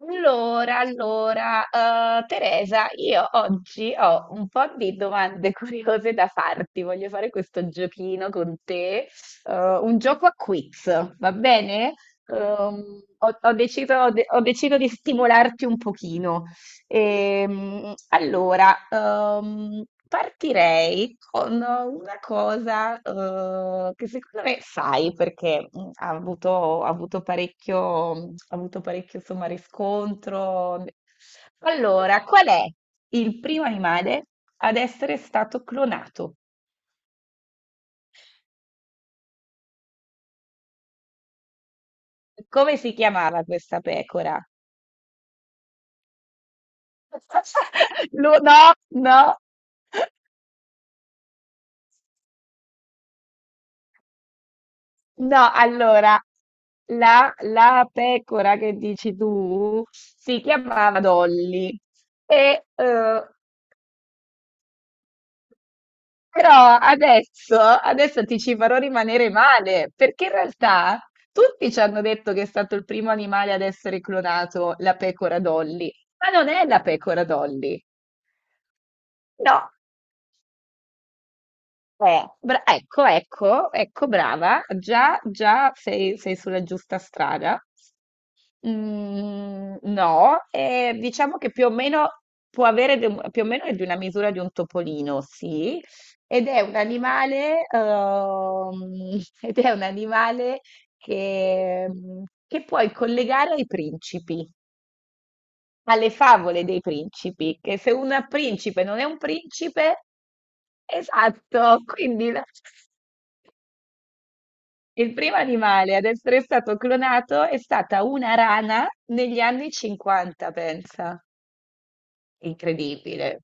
Allora, allora, Teresa, io oggi ho un po' di domande curiose da farti. Voglio fare questo giochino con te, un gioco a quiz, va bene? Ho deciso, ho deciso di stimolarti un pochino. Partirei con una cosa, che secondo me sai perché ha avuto parecchio, insomma, riscontro. Allora, qual è il primo animale ad essere stato clonato? Come si chiamava questa pecora? No, no. No, allora, la pecora che dici tu si chiamava Dolly, e, eh, però adesso, adesso ti ci farò rimanere male, perché in realtà tutti ci hanno detto che è stato il primo animale ad essere clonato, la pecora Dolly, ma non è la pecora Dolly, no, ecco, ecco, ecco, brava, già, già sei sulla giusta strada. Mhmm, no, diciamo che più o meno può avere de un più o meno è di una misura di un topolino, sì, ed è un animale ed è un animale che che puoi collegare ai principi, alle favole dei principi, che se un principe non è un principe esatto, quindi la il primo animale ad essere stato clonato è stata una rana negli anni '50, pensa. Incredibile.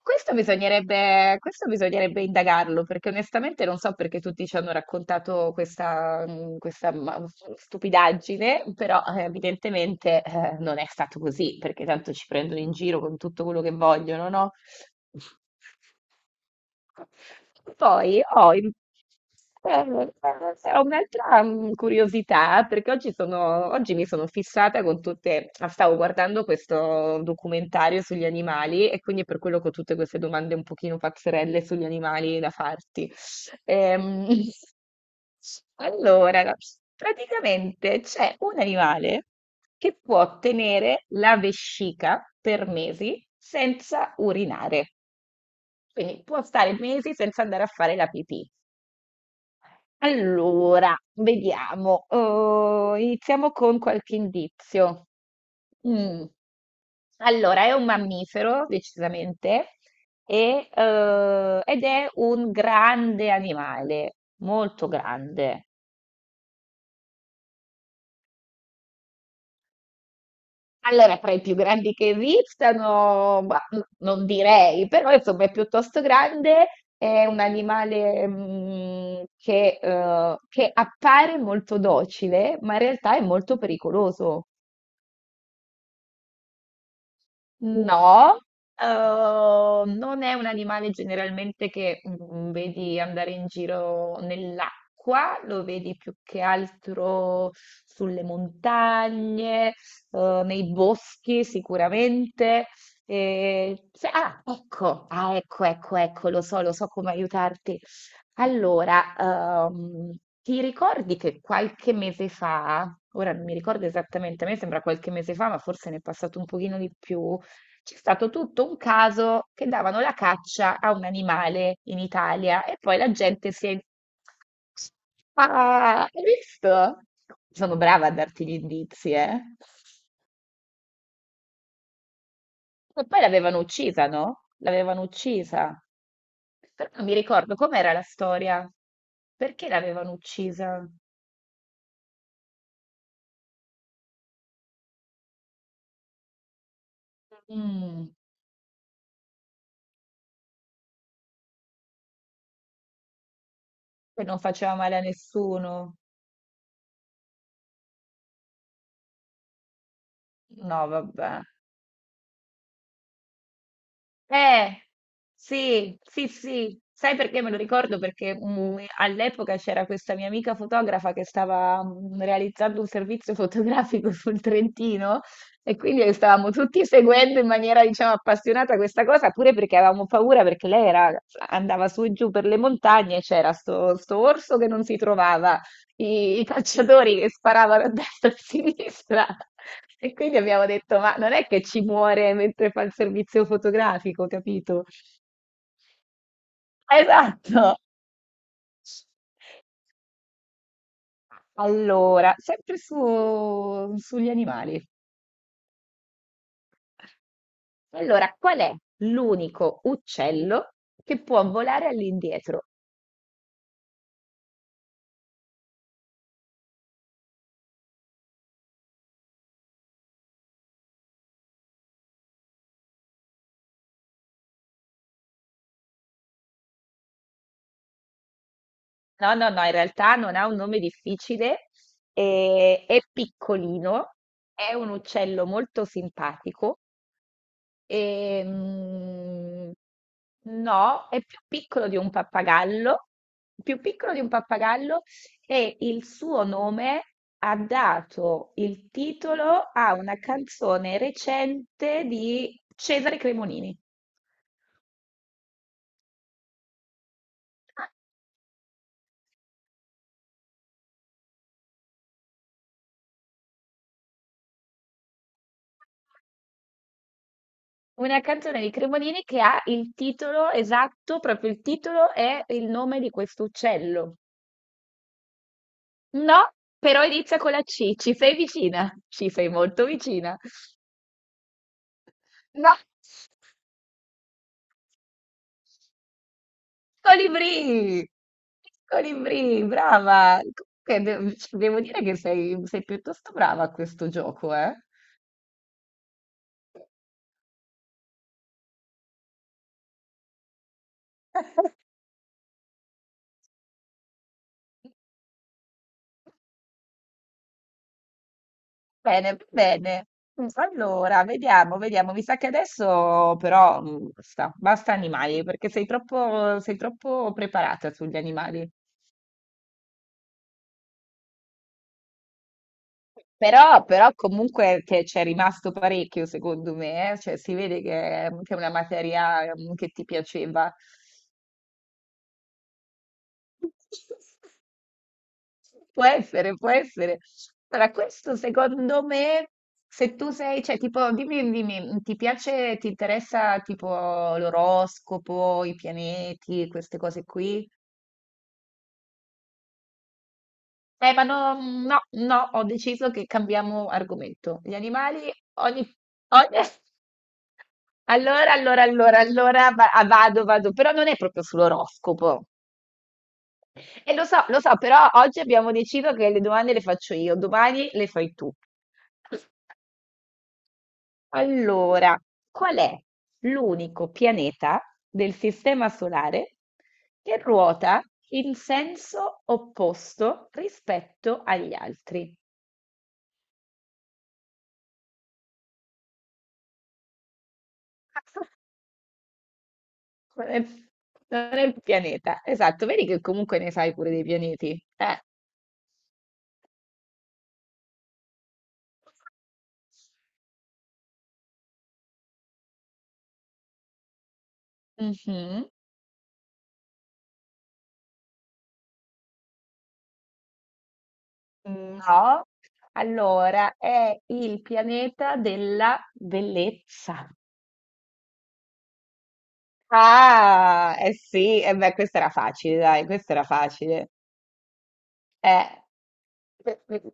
Questo bisognerebbe indagarlo, perché onestamente non so perché tutti ci hanno raccontato questa, stupidaggine, però evidentemente non è stato così, perché tanto ci prendono in giro con tutto quello che vogliono, no? Poi ho, im- eh, ho un'altra curiosità perché oggi mi sono fissata con stavo guardando questo documentario sugli animali e quindi per quello che ho tutte queste domande un pochino pazzerelle sugli animali da farti. Ehm, allora, praticamente c'è un animale che può tenere la vescica per mesi senza urinare. Quindi può stare mesi senza andare a fare la pipì. Allora, vediamo. Oh, iniziamo con qualche indizio. Mm. Allora, è un mammifero, decisamente, ed è un grande animale, molto grande. Allora, tra i più grandi che esistano, ma non direi, però insomma è piuttosto grande, è un animale che appare molto docile, ma in realtà è molto pericoloso. No, non è un animale generalmente che vedi andare in giro nell'acqua, lo vedi più che altro sulle montagne, nei boschi sicuramente. Ecco, ecco, ecco, lo so come aiutarti. Allora, ehm, ti ricordi che qualche mese fa, ora non mi ricordo esattamente, a me sembra qualche mese fa, ma forse ne è passato un pochino di più, c'è stato tutto un caso che davano la caccia a un animale in Italia e poi la gente si è... Ah, hai visto? Sono brava a darti gli indizi, eh? E poi l'avevano uccisa, no? L'avevano uccisa. Però non mi ricordo com'era la storia. Perché l'avevano uccisa? Mm, che non faceva male a nessuno. No, vabbè. Eh, sì, sì, sì. Sai perché me lo ricordo? Perché all'epoca c'era questa mia amica fotografa che stava realizzando un servizio fotografico sul Trentino e quindi stavamo tutti seguendo in maniera, diciamo, appassionata questa cosa, pure perché avevamo paura perché lei era- andava su e giù per le montagne e c'era sto orso che non si trovava i calciatori che sparavano a destra e a sinistra. E quindi abbiamo detto, ma non è che ci muore mentre fa il servizio fotografico, capito? Esatto. Allora, sugli animali. Allora, qual è l'unico uccello che può volare all'indietro? No, no, no, in realtà non ha un nome difficile, è piccolino, è un uccello molto simpatico E, mm, no, è più piccolo di un pappagallo, più piccolo di un pappagallo e il suo nome ha dato il titolo a una canzone recente di Cesare Cremonini. Una canzone di Cremonini che ha il titolo esatto, proprio il titolo è il nome di questo uccello. No, però inizia con la C, ci sei vicina, ci sei molto vicina. No. Colibrì! Colibrì, brava! Comunque cioè, devo dire che sei piuttosto brava a questo gioco, eh? Bene, bene. Allora, vediamo, vediamo. Mi sa che adesso però basta, basta animali, perché sei troppo preparata sugli animali. Però comunque che c'è rimasto parecchio, secondo me, eh? Cioè si vede che è una materia che ti piaceva. Può essere, può essere. Allora, questo secondo me, se tu sei, cioè, tipo, dimmi, dimmi, ti piace, ti interessa, tipo, l'oroscopo, i pianeti, queste cose qui? No, no, no, ho deciso che cambiamo argomento. Gli animali, ogni... Allora, allora, allora, allora, vado, vado, però non è proprio sull'oroscopo. E lo so, però oggi abbiamo deciso che le domande le faccio io, domani le fai tu. Allora, qual è l'unico pianeta del Sistema Solare che ruota in senso opposto rispetto agli altri? Non è, non è il pianeta, esatto, vedi che comunque ne sai pure dei pianeti. Mhm. No, allora è il pianeta della bellezza. Ah, eh sì, e beh, questa era facile, dai, questa era facile. Eh, per- per-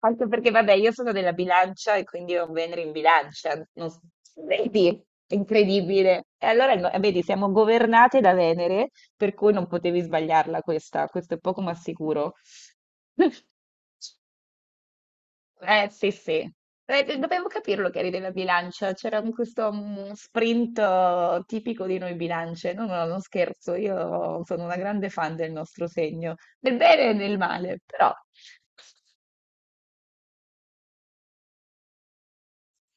anche perché, vabbè, io sono della bilancia e quindi ho un Venere in bilancia, non s- vedi, è incredibile. Vedi, siamo governate da Venere, per cui non potevi sbagliarla questa, questo è poco ma sicuro. Sì, sì. Dovevo capirlo che eri della bilancia, c'era un- questo mm, sprint tipico di noi bilance. No, no, non scherzo, io sono una grande fan del nostro segno, del bene e del male, però.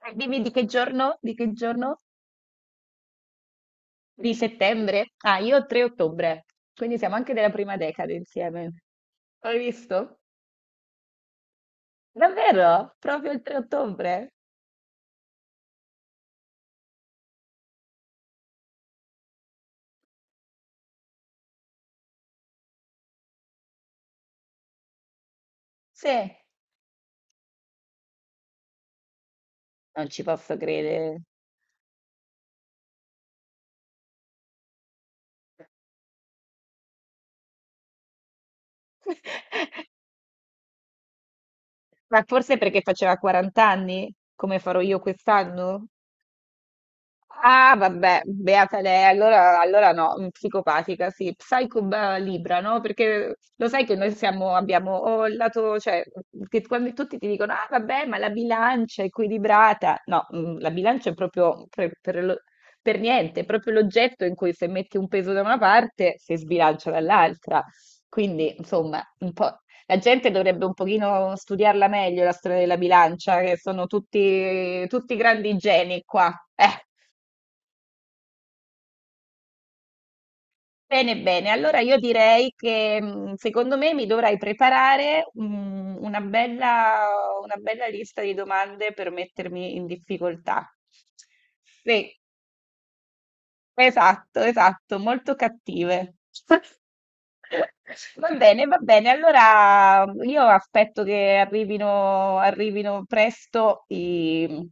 Dimmi di che giorno? Di che giorno? Di settembre? Ah, io ho 3 ottobre, quindi siamo anche della prima decade insieme. Hai visto? Davvero? Proprio il 3 ottobre? Sì, non ci posso credere. Ma forse perché faceva 40 anni, come farò io quest'anno? Ah, vabbè, beata lei, allora, allora no, psicopatica, sì, Libra, no? Perché lo sai che noi siamo, abbiamo o il lato, cioè, che quando tutti ti dicono, ah, vabbè, ma la bilancia è equilibrata, no, la bilancia è proprio per niente, è proprio l'oggetto in cui se metti un peso da una parte si sbilancia dall'altra, quindi, insomma, un po'... La gente dovrebbe un pochino studiarla meglio, la storia della bilancia, che sono tutti, tutti grandi geni qua. Bene, bene, allora io direi che secondo me mi dovrai preparare una bella lista di domande per mettermi in difficoltà. Sì, esatto, esatto, molto cattive. Va bene, allora io aspetto che arrivino, arrivino presto